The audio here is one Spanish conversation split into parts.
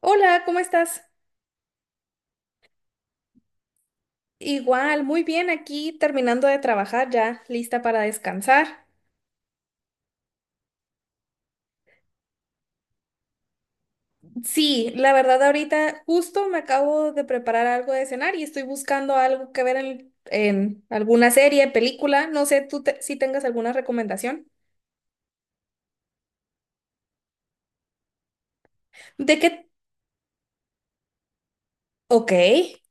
Hola, ¿cómo estás? Igual, muy bien, aquí terminando de trabajar ya, lista para descansar. Sí, la verdad ahorita justo me acabo de preparar algo de cenar y estoy buscando algo que ver en alguna serie, película, no sé, si tengas alguna recomendación. ¿De qué? Ok,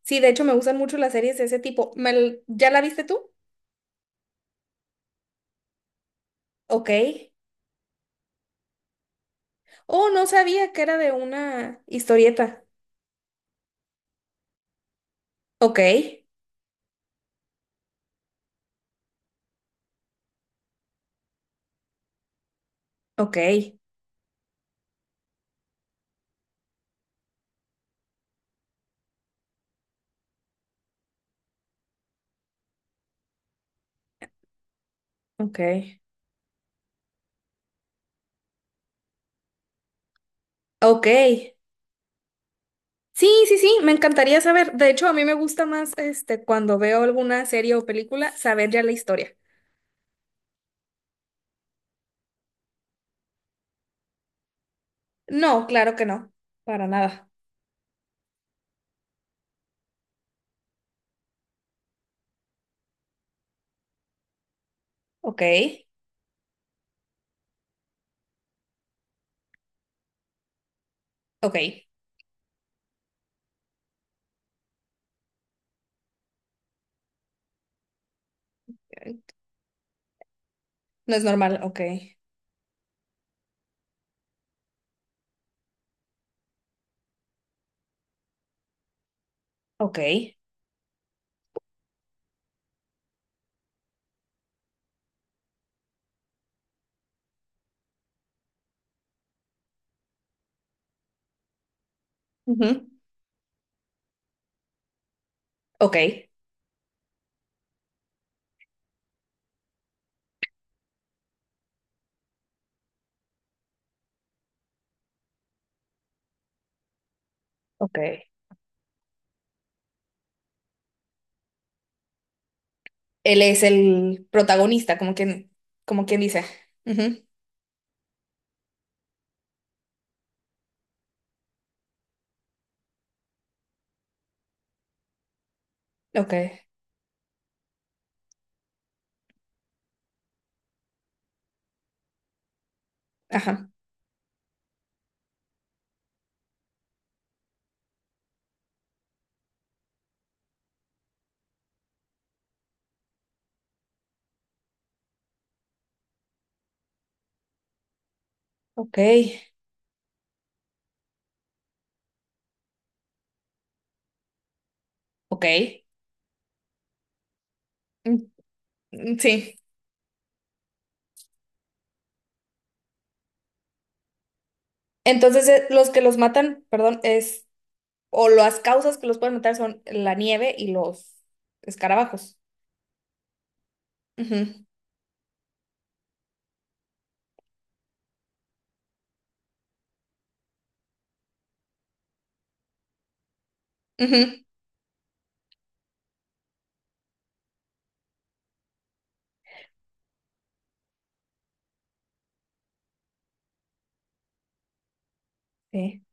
sí, de hecho me gustan mucho las series de ese tipo. ¿Ya la viste tú? Ok. Oh, no sabía que era de una historieta. Ok, ok, ok. Ok, sí, sí, sí, me encantaría saber. De hecho, a mí me gusta más cuando veo alguna serie o película saber ya la historia. No, claro que no, para nada. Ok, ok. No es normal, ok, ok. Ujú, Ok, ok. Él es el protagonista, como quien dice. Ujú, Ok, ajá. ok, ok. Mm, mm, sí. Entonces, los que los matan, perdón, es o las causas que los pueden matar son la nieve y los escarabajos. Ujú, ujú, sí.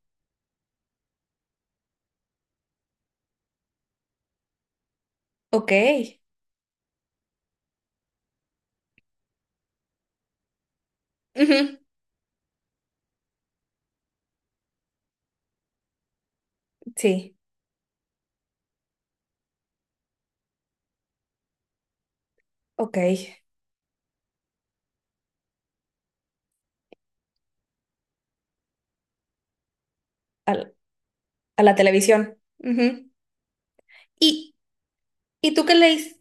Ok. Ujú, sí. Ok. Al- a la televisión. Ujú. ¿Y, y tú qué leíste?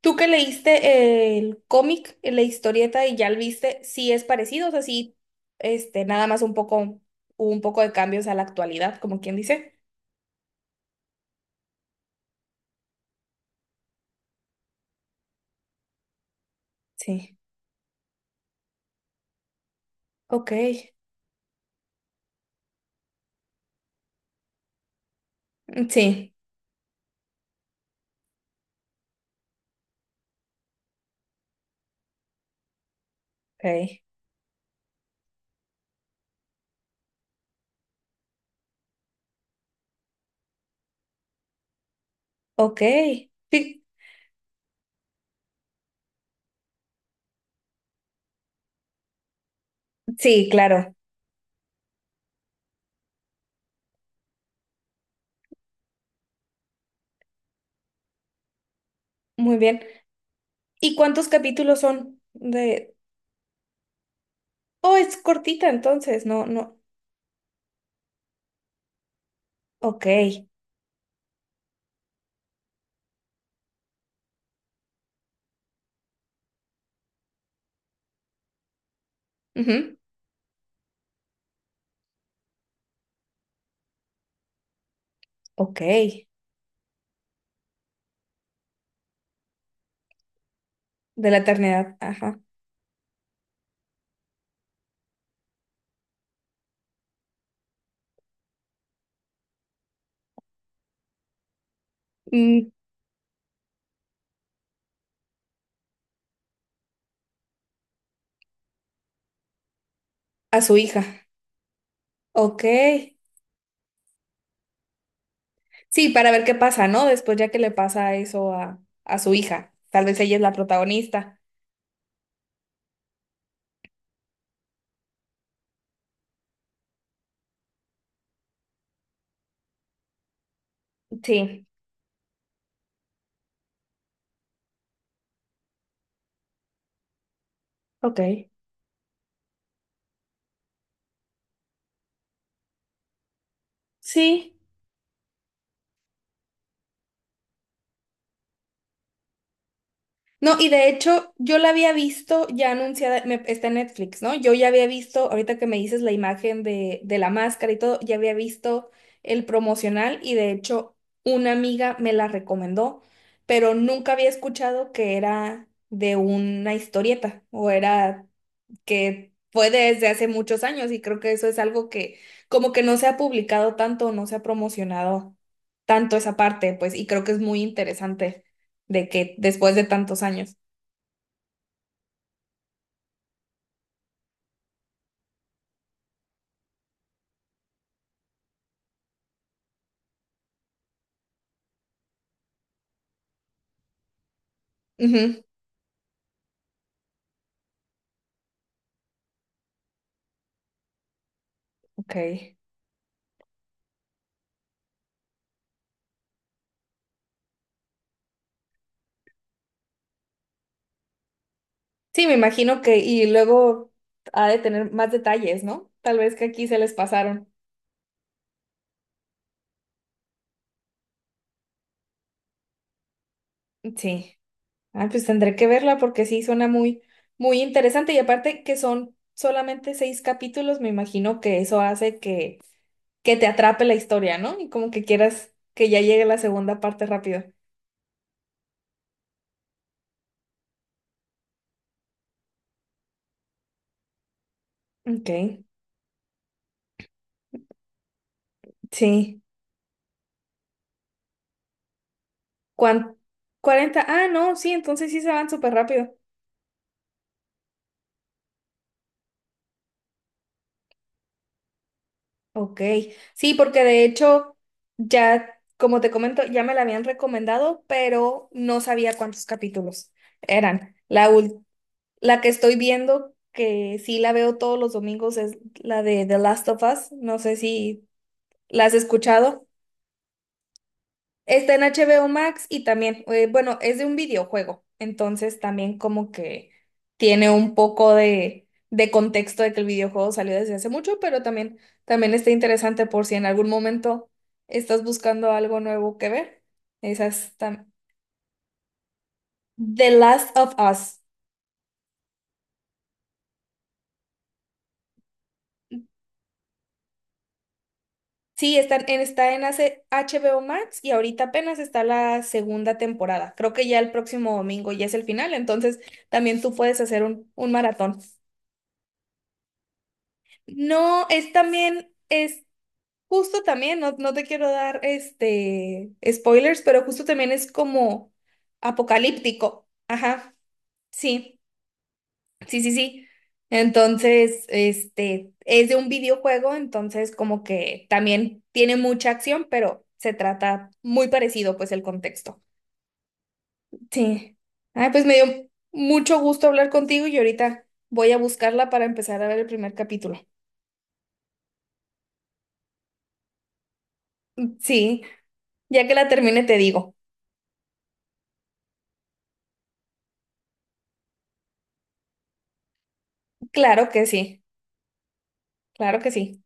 ¿Tú que leíste el cómic, la historieta y ya lo viste? Sí es parecido, o sea, sí, nada más un poco, hubo un poco de cambios a la actualidad, como quien dice. Sí. Ok. Sí. Ok. Ok. Sí, sí, claro. Muy bien. ¿Y cuántos capítulos son de... Oh, es cortita entonces, no, no. Ok. Ujú. Ok. De la eternidad, ajá. Mm, a su hija. Ok. Sí, para ver qué pasa, ¿no? Después ya que le pasa eso a su hija. Tal vez ella es la protagonista. Sí. Ok. Sí. No, y de hecho, yo la había visto ya anunciada, está en Netflix, ¿no? Yo ya había visto, ahorita que me dices la imagen de la máscara y todo, ya había visto el promocional y de hecho una amiga me la recomendó, pero nunca había escuchado que era de una historieta o era que fue desde hace muchos años y creo que eso es algo que como que no se ha publicado tanto, no se ha promocionado tanto esa parte, pues, y creo que es muy interesante de que después de tantos años. Ujú, ok. Sí, me imagino que, y luego ha de tener más detalles, ¿no? Tal vez que aquí se les pasaron. Sí. Ah, pues tendré que verla porque sí suena muy, muy interesante. Y aparte que son solamente seis capítulos, me imagino que eso hace que te atrape la historia, ¿no? Y como que quieras que ya llegue la segunda parte rápido. Ok, sí. ¿Cuán- ¿Cuarenta? Ah, no, sí, entonces sí se van súper rápido. Ok, sí, porque de hecho ya, como te comento, ya me la habían recomendado, pero no sabía cuántos capítulos eran. La que estoy viendo, que sí la veo todos los domingos, es la de The Last of Us. No sé si la has escuchado. Está en HBO Max y también, bueno, es de un videojuego, entonces también como que tiene un poco de contexto de que el videojuego salió desde hace mucho, pero también, también está interesante por si en algún momento estás buscando algo nuevo que ver. Esas tam- The Last of Us. Sí, está en, HBO Max y ahorita apenas está la segunda temporada. Creo que ya el próximo domingo ya es el final, entonces también tú puedes hacer un maratón. No, es también, es justo también, no, no te quiero dar este spoilers, pero justo también es como apocalíptico. Ajá, sí, sí, sí, sí. Entonces, es de un videojuego, entonces como que también tiene mucha acción, pero se trata muy parecido, pues, el contexto. Sí. Ay, pues me dio mucho gusto hablar contigo y ahorita voy a buscarla para empezar a ver el primer capítulo. Sí, ya que la termine te digo. Claro que sí, claro que sí.